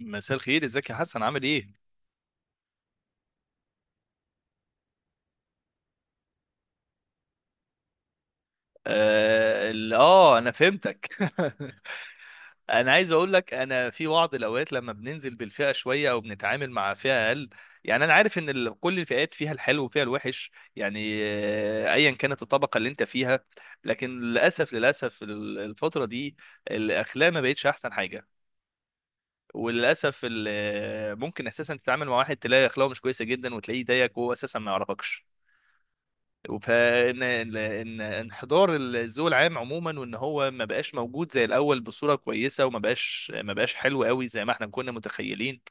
مساء الخير، ازيك يا حسن؟ عامل ايه؟ انا فهمتك. انا عايز اقول لك، انا في بعض الاوقات لما بننزل بالفئه شويه او بنتعامل مع فئه اقل، يعني انا عارف ان كل الفئات فيها الحلو وفيها الوحش، يعني ايا كانت الطبقه اللي انت فيها. لكن للاسف الفتره دي الاخلاق ما بقتش احسن حاجه. وللاسف ممكن اساسا تتعامل مع واحد تلاقي اخلاقه مش كويسه جدا وتلاقيه ضايقك وهو اساسا ما يعرفكش. فان ان إن انحدار الذوق العام عموما، وان هو ما بقاش موجود زي الاول بصوره كويسه، وما بقاش حلو قوي زي ما احنا كنا متخيلين.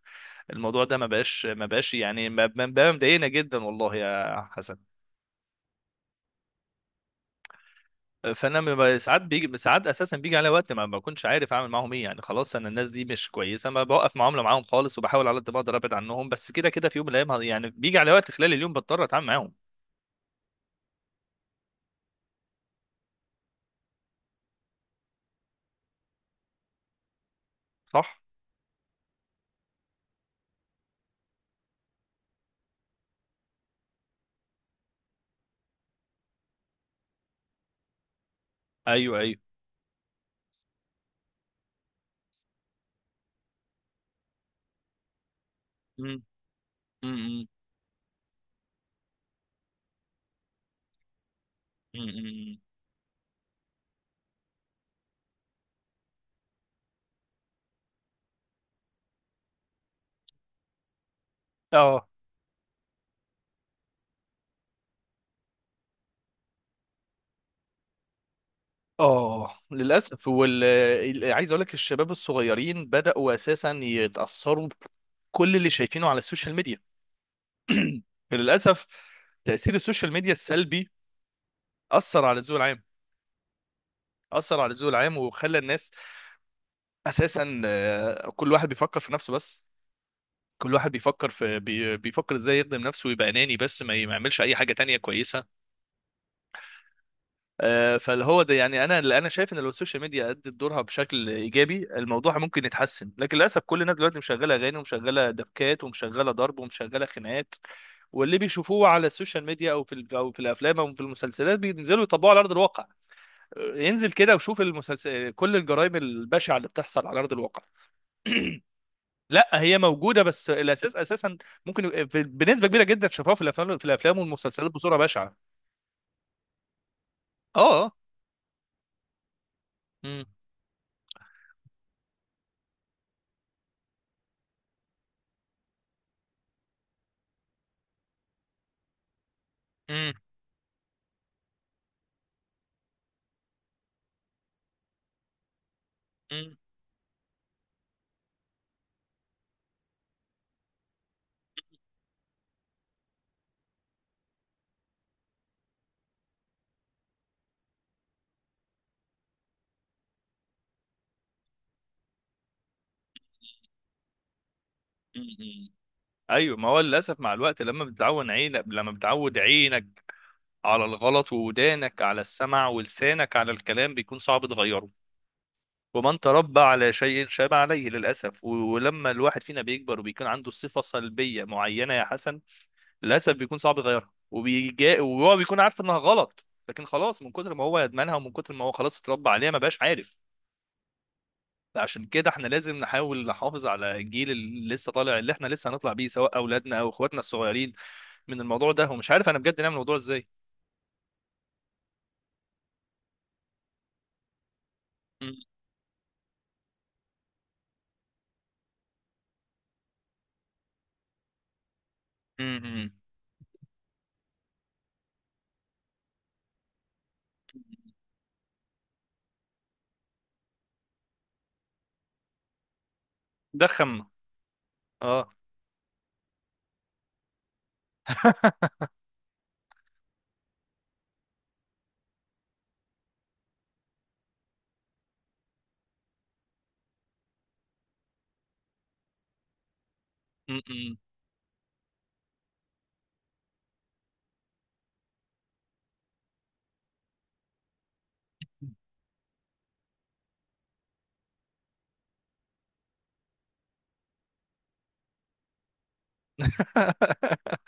الموضوع ده ما بقاش ما بقاش يعني ما ما- بقى مضايقنا جدا والله يا حسن. فانا ساعات بيجي، ساعات اساسا بيجي على وقت ما بكونش عارف اعمل معاهم ايه. يعني خلاص انا الناس دي مش كويسه، ما بوقف معامله معاهم خالص، وبحاول على قد ما اقدر ابعد عنهم. بس كده كده في يوم من الايام يعني بيجي على وقت خلال اليوم بضطر اتعامل معاهم. صح. ايوه، ايوه. امم. امم. امم. اه. اه، للاسف. عايز اقول لك، الشباب الصغيرين بداوا اساسا يتاثروا بكل اللي شايفينه على السوشيال ميديا. للاسف، تاثير السوشيال ميديا السلبي اثر على الذوق العام. اثر على الذوق العام وخلى الناس اساسا، كل واحد بيفكر في نفسه بس. كل واحد بيفكر ازاي يخدم نفسه ويبقى اناني بس، ما يعملش اي حاجه تانية كويسه. فاللي هو ده، يعني انا اللي انا شايف ان لو السوشيال ميديا ادت دورها بشكل ايجابي الموضوع ممكن يتحسن. لكن للاسف كل الناس دلوقتي مشغله اغاني، ومشغله دبكات، ومشغله ضرب، ومشغله خناقات. واللي بيشوفوه على السوشيال ميديا او في الافلام او في المسلسلات بينزلوا يطبقوا على ارض الواقع. انزل كده وشوف المسلسل، كل الجرائم البشعه اللي بتحصل على ارض الواقع. لا هي موجوده، بس الاساس اساسا ممكن يبقى بنسبه كبيره جدا شفاها في الافلام، في الافلام والمسلسلات بصوره بشعه. اه. امم. امم. امم. ايوه، ما هو للاسف مع الوقت لما بتعود عينك، لما بتعود عينك على الغلط، وودانك على السمع، ولسانك على الكلام، بيكون صعب تغيره. ومن تربى على شيء شاب عليه للاسف. ولما الواحد فينا بيكبر وبيكون عنده صفه سلبيه معينه يا حسن، للاسف بيكون صعب يغيرها. وبيجا وهو بيكون عارف انها غلط، لكن خلاص من كتر ما هو يدمنها، ومن كتر ما هو خلاص اتربى عليها ما بقاش عارف. فعشان كده احنا لازم نحاول نحافظ على الجيل اللي لسه طالع، اللي احنا لسه هنطلع بيه، سواء اولادنا او اخواتنا الصغيرين، من الموضوع ده. ومش عارف انا بجد نعمل الموضوع ازاي. مم. مم. مم. ده خم اه. مم. مم.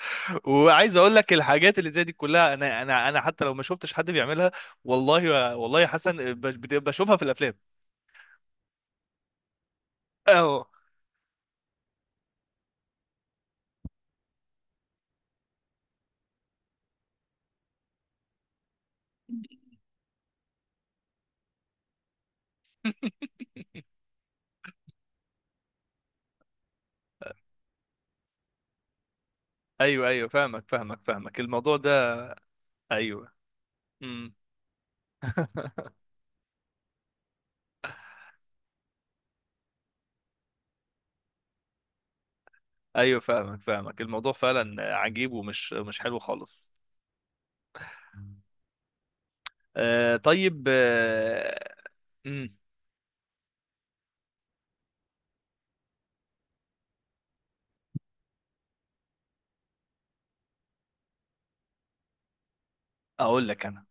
وعايز اقول لك الحاجات اللي زي دي كلها، انا حتى لو ما شفتش حد بيعملها، والله والله يا حسن، بشوفها في الافلام. اه. ايوه، ايوه، فاهمك الموضوع ده. ايوه. امم. ايوه، فاهمك، الموضوع فعلا عجيب، ومش مش حلو خالص. آه طيب. آه. امم. اقول لك انا،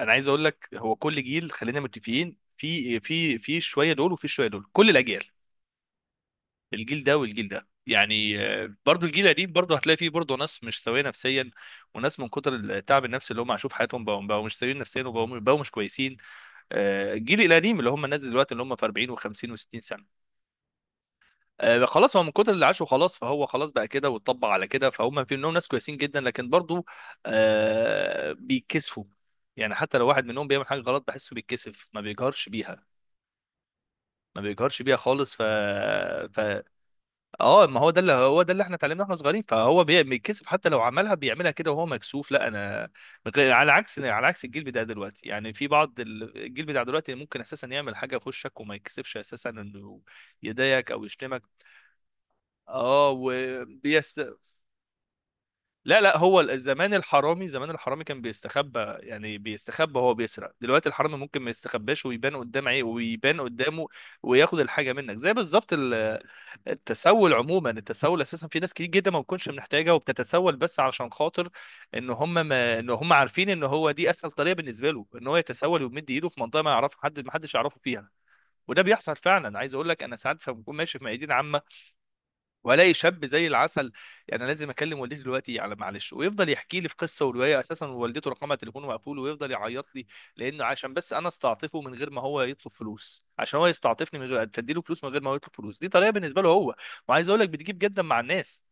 عايز اقول لك، هو كل جيل، خلينا متفقين، في شويه دول وفي شويه دول، كل الاجيال. الجيل ده والجيل ده، يعني برضو الجيل القديم برضو هتلاقي فيه برضو ناس مش سويه نفسيا. وناس من كتر التعب النفسي اللي هم عاشوه في حياتهم، بقوا مش سويين نفسيا، وبقوا مش كويسين. الجيل القديم اللي هم الناس دلوقتي، اللي هم في 40 و50 و60 سنه. خلاص هو من كتر اللي عاشه، خلاص فهو خلاص بقى كده واتطبع على كده. فهم في منهم ناس كويسين جدا، لكن برضو آه بيتكسفوا. يعني حتى لو واحد منهم بيعمل حاجه غلط بحسه بيتكسف، ما بيجهرش بيها. ما بيجهرش بيها خالص. ف ف اه، ما هو ده اللي، هو ده اللي احنا اتعلمناه واحنا صغيرين. فهو بيتكسف، حتى لو عملها بيعملها كده وهو مكسوف. لا انا من غير- على عكس، على عكس الجيل بتاع دلوقتي. يعني في بعض الجيل بتاع دلوقتي ممكن اساسا يعمل حاجه في وشك وما يتكسفش اساسا انه يضايقك او يشتمك. اه، وبيستسهل. لا لا، زمان الحرامي، زمان الحرامي كان بيستخبى، يعني بيستخبى وهو بيسرق. دلوقتي الحرامي ممكن ما يستخباش ويبان قدام عيه ويبان قدامه وياخد الحاجه منك. زي بالظبط التسول عموما. التسول اساسا في ناس كتير جدا ما بتكونش محتاجه وبتتسول بس علشان خاطر ان هم ما ان هم عارفين ان هو دي اسهل طريقه بالنسبه له، ان هو يتسول ويمد ايده في منطقه ما حدش يعرفه فيها. وده بيحصل فعلا. عايز اقول لك، انا ساعات بكون ماشي في ميادين عامه، والاقي شاب زي العسل، يعني لازم اكلم والدتي دلوقتي على معلش، ويفضل يحكي لي في قصه وروايه، اساسا والدته رقمها تليفونه مقفول، ويفضل يعيط لي. لانه عشان بس انا استعطفه من غير ما هو يطلب فلوس، عشان هو يستعطفني من غير تديله فلوس، من غير ما هو يطلب فلوس. دي طريقه بالنسبه له هو. وعايز اقول لك، بتجيب جدا مع الناس.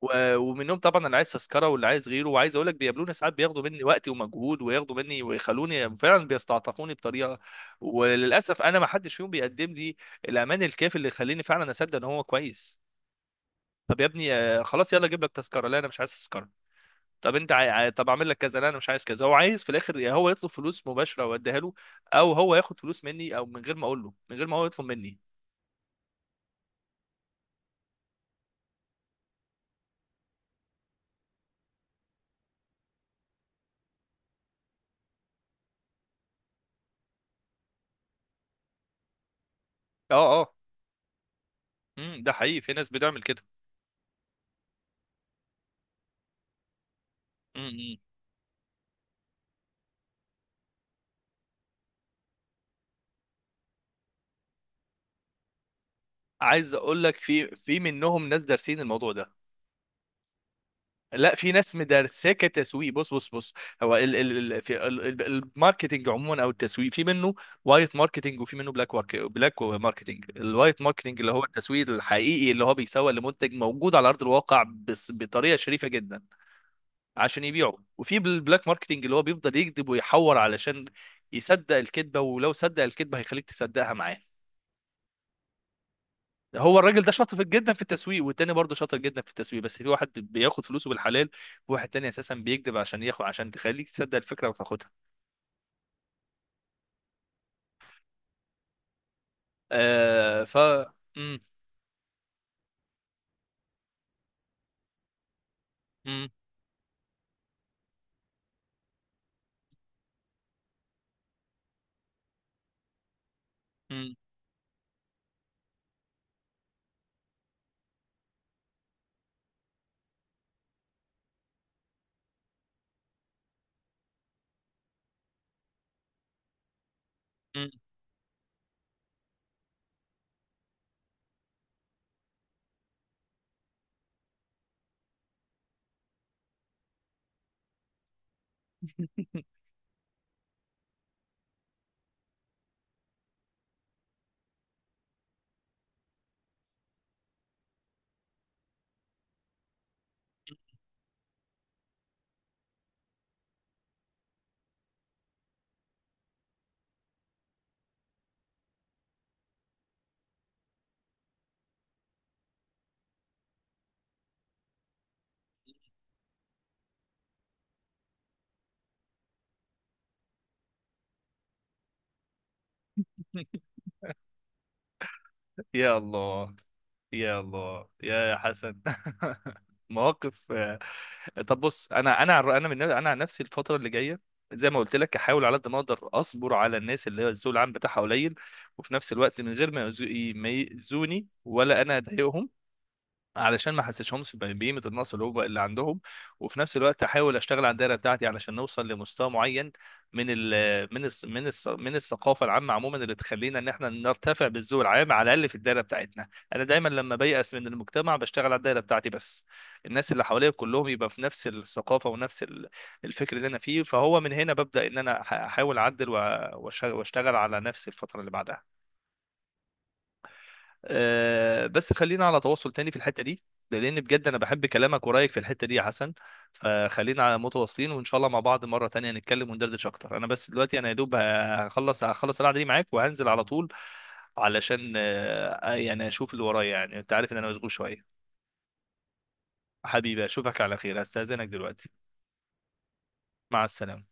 ومنهم طبعا اللي عايز تذكره، واللي عايز غيره. وعايز اقول لك بيقابلوني ساعات، بياخدوا مني وقتي ومجهود، وياخدوا مني ويخلوني فعلا بيستعطفوني بطريقه. وللاسف انا ما حدش فيهم بيقدم لي الامان الكافي اللي يخليني فعلا اصدق ان هو كويس. طب يا ابني خلاص يلا اجيب لك تذكره. لا انا مش عايز تذكره. طب انت طب اعمل لك كذا. لا انا مش عايز كذا. هو عايز في الاخر، يا هو يطلب فلوس مباشره واديها له، او هو ياخد فلوس مني، او من غير ما اقول له، من غير ما هو يطلب مني. اه. اه. امم، ده حقيقي، في ناس بتعمل كده. امم. عايز اقول لك، في منهم ناس دارسين الموضوع ده. لا في ناس مدرساه كتسويق. بص بص بص، هو ال ال ال في ال- ال- الماركتينج عموما او التسويق، في منه وايت ماركتينج، وفي منه بلاك ورك، بلاك ماركتينج. الوايت ماركتينج اللي هو التسويق الحقيقي، اللي هو بيسوق لمنتج موجود على ارض الواقع بس بطريقه شريفه جدا عشان يبيعه. وفي البلاك ماركتينج اللي هو بيفضل يكذب ويحور، علشان يصدق الكذبه، ولو صدق الكذبه هيخليك تصدقها معاه. هو الراجل ده شاطر جدا في التسويق، والتاني برضه شاطر جدا في التسويق، بس في واحد بياخد فلوسه بالحلال، وواحد تاني اساسا بيكذب عشان ياخد، عشان تخليك تصدق الفكره وتاخدها. آه. مم. مم. مم. مم. يا الله. يا الله يا حسن. مواقف آه. طب بص، انا عن نفسي الفتره اللي جايه، زي ما قلت لك هحاول على قد ما اقدر اصبر على الناس اللي هي الذوق العام بتاعها قليل، وفي نفس الوقت من غير ما يؤذوني ولا انا اضايقهم، علشان ما احسسهمش بقيمه النقص اللي هو اللي عندهم. وفي نفس الوقت احاول اشتغل على الدايره بتاعتي علشان نوصل لمستوى معين من ال من ال من ال من الثقافه العامه عموما، اللي تخلينا ان احنا نرتفع بالذوق العام على الاقل في الدايره بتاعتنا. انا دايما لما بيأس من المجتمع بشتغل على الدايره بتاعتي بس، الناس اللي حواليا كلهم يبقى في نفس الثقافه ونفس الفكر اللي انا فيه. فهو من هنا ببدأ ان انا احاول اعدل واشتغل على نفسي الفتره اللي بعدها. بس خلينا على تواصل تاني في الحتة دي، ده لأن بجد أنا بحب كلامك ورأيك في الحتة دي يا حسن. فخلينا على متواصلين، وإن شاء الله مع بعض مرة تانية نتكلم وندردش أكتر. أنا بس دلوقتي أنا يا دوب هخلص القعدة دي معاك وهنزل على طول، علشان يعني أشوف اللي ورايا. يعني أنت عارف إن أنا مشغول شوية. حبيبي، أشوفك على خير، هستأذنك دلوقتي. مع السلامة.